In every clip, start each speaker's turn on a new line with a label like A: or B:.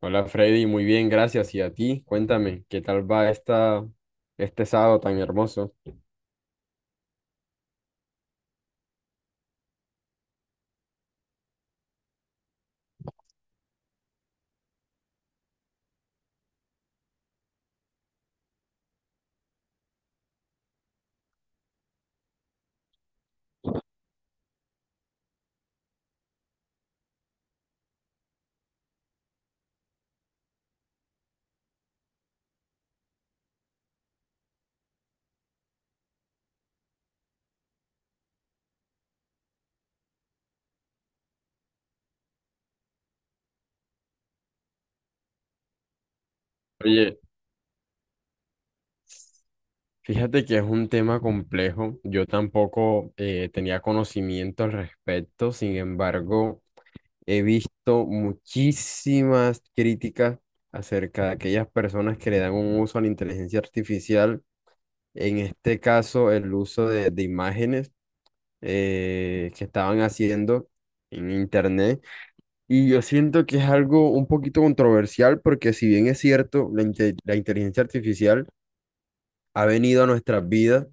A: Hola Freddy, muy bien, gracias. ¿Y a ti? Cuéntame, ¿qué tal va este sábado tan hermoso? Oye, fíjate que es un tema complejo. Yo tampoco tenía conocimiento al respecto. Sin embargo, he visto muchísimas críticas acerca de aquellas personas que le dan un uso a la inteligencia artificial, en este caso el uso de imágenes que estaban haciendo en internet. Y yo siento que es algo un poquito controversial porque, si bien es cierto, la inteligencia artificial ha venido a nuestras vidas,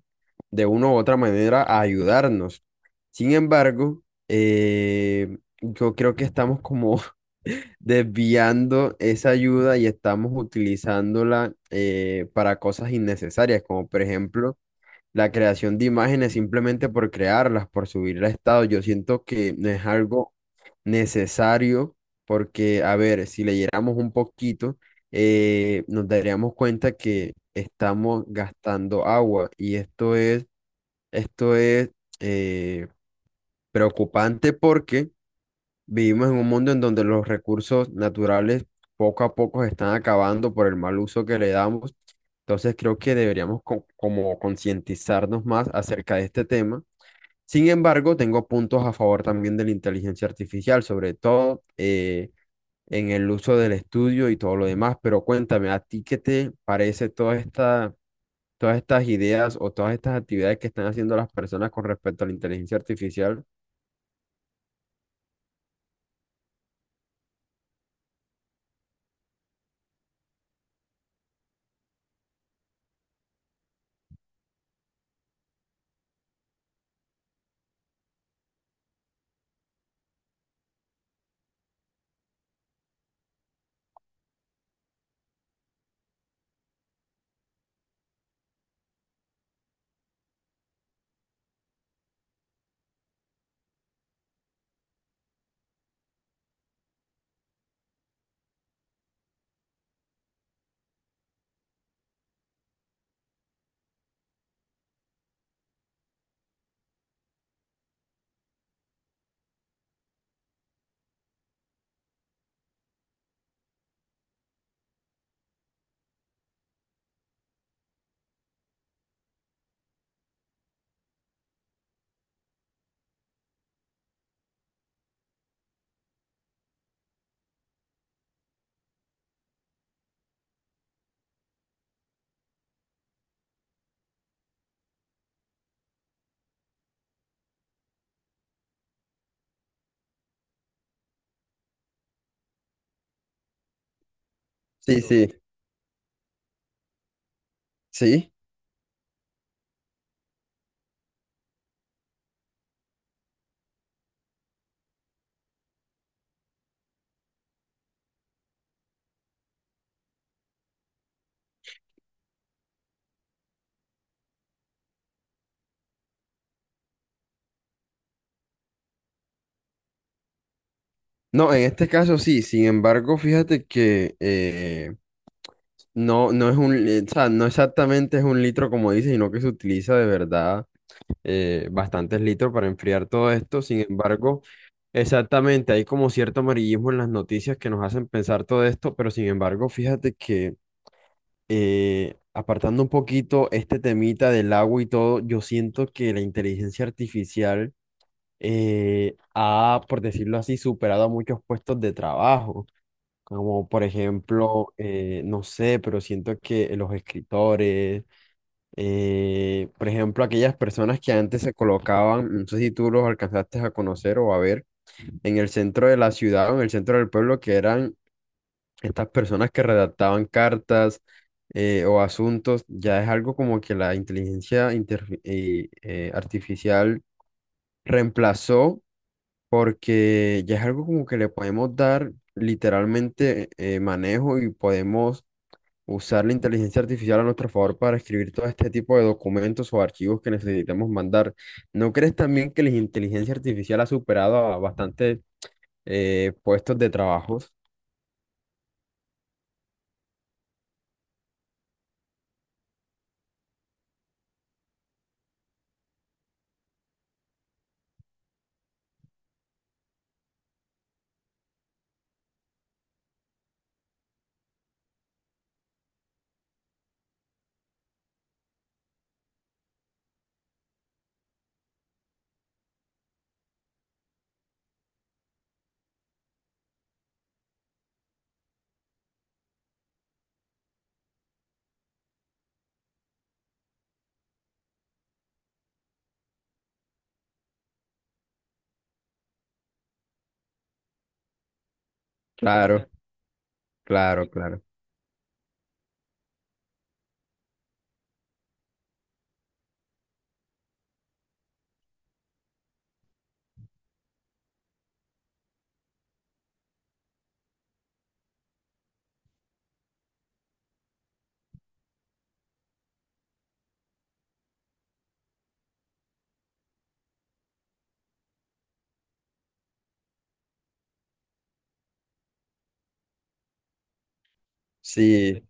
A: de una u otra manera, a ayudarnos. Sin embargo, yo creo que estamos como desviando esa ayuda y estamos utilizándola, para cosas innecesarias, como por ejemplo la creación de imágenes simplemente por crearlas, por subirla a estado. Yo siento que no es algo necesario porque, a ver, si leyéramos un poquito, nos daríamos cuenta que estamos gastando agua, y esto es eh, preocupante porque vivimos en un mundo en donde los recursos naturales poco a poco se están acabando por el mal uso que le damos. Entonces creo que deberíamos como concientizarnos más acerca de este tema. Sin embargo, tengo puntos a favor también de la inteligencia artificial, sobre todo en el uso del estudio y todo lo demás. Pero cuéntame, ¿a ti qué te parece todas estas ideas o todas estas actividades que están haciendo las personas con respecto a la inteligencia artificial? Sí, sí, sí. No, en este caso sí. Sin embargo, fíjate que no, no es o sea, no exactamente es un litro como dice, sino que se utiliza de verdad bastantes litros para enfriar todo esto. Sin embargo, exactamente, hay como cierto amarillismo en las noticias que nos hacen pensar todo esto. Pero sin embargo, fíjate que, apartando un poquito este temita del agua y todo, yo siento que la inteligencia artificial ha, por decirlo así, superado a muchos puestos de trabajo, como por ejemplo, no sé, pero siento que los escritores, por ejemplo, aquellas personas que antes se colocaban, no sé si tú los alcanzaste a conocer o a ver, en el centro de la ciudad o en el centro del pueblo, que eran estas personas que redactaban cartas, o asuntos. Ya es algo como que la inteligencia artificial reemplazó, porque ya es algo como que le podemos dar literalmente manejo y podemos usar la inteligencia artificial a nuestro favor para escribir todo este tipo de documentos o archivos que necesitemos mandar. ¿No crees también que la inteligencia artificial ha superado a bastantes puestos de trabajos? Claro, claro, claro. Sí,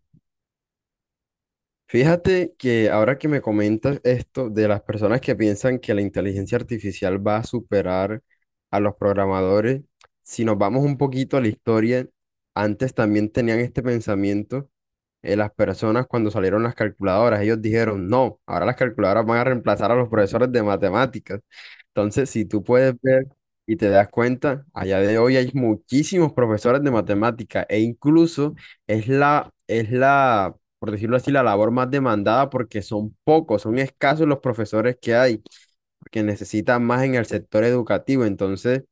A: fíjate que ahora que me comentas esto de las personas que piensan que la inteligencia artificial va a superar a los programadores, si nos vamos un poquito a la historia, antes también tenían este pensamiento las personas cuando salieron las calculadoras. Ellos dijeron, no, ahora las calculadoras van a reemplazar a los profesores de matemáticas. Entonces, si tú puedes ver y te das cuenta, allá de hoy hay muchísimos profesores de matemática, e incluso es la por decirlo así, la labor más demandada, porque son pocos, son escasos los profesores que hay, que necesitan más en el sector educativo. Entonces,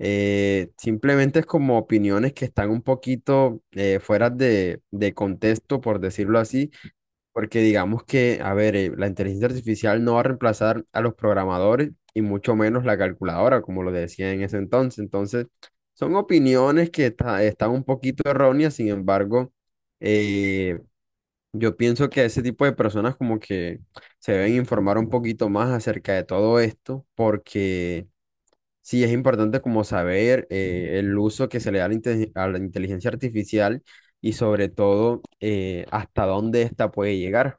A: simplemente es como opiniones que están un poquito fuera de contexto, por decirlo así, porque digamos que, a ver, la inteligencia artificial no va a reemplazar a los programadores, y mucho menos la calculadora, como lo decía en ese entonces. Entonces, son opiniones que están un poquito erróneas. Sin embargo, eh, yo pienso que ese tipo de personas como que se deben informar un poquito más acerca de todo esto, porque sí es importante como saber, el uso que se le da a la, a la inteligencia artificial, y sobre todo hasta dónde ésta puede llegar.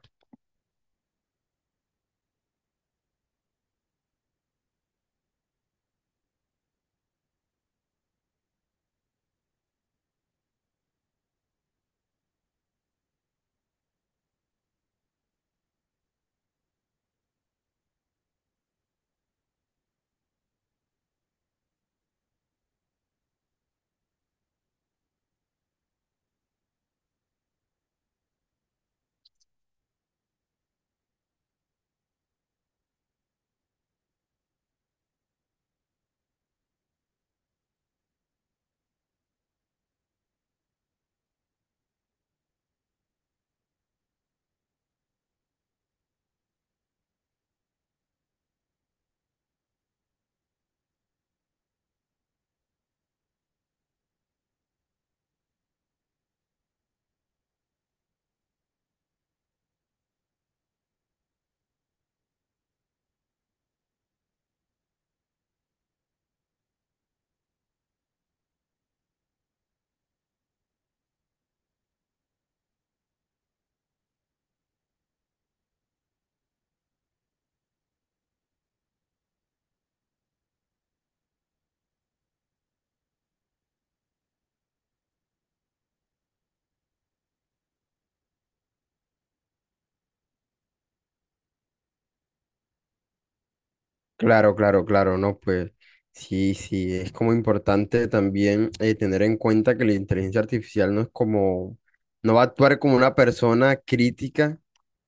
A: Claro, claro, claro, no, pues sí, sí, es como importante también tener en cuenta que la inteligencia artificial no es como, no va a actuar como una persona crítica,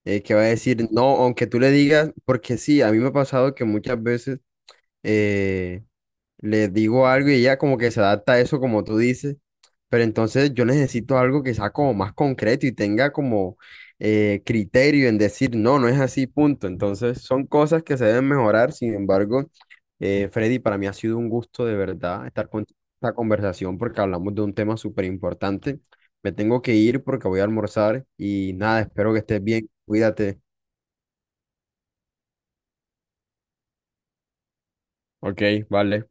A: que va a decir, no, aunque tú le digas, porque sí. A mí me ha pasado que muchas veces, eh, les digo algo y ella como que se adapta a eso, como tú dices, pero entonces yo necesito algo que sea como más concreto y tenga como criterio en decir, no, no es así, punto. Entonces son cosas que se deben mejorar. Sin embargo, Freddy, para mí ha sido un gusto de verdad estar con esta conversación, porque hablamos de un tema súper importante. Me tengo que ir porque voy a almorzar y nada, espero que estés bien, cuídate. Ok, vale.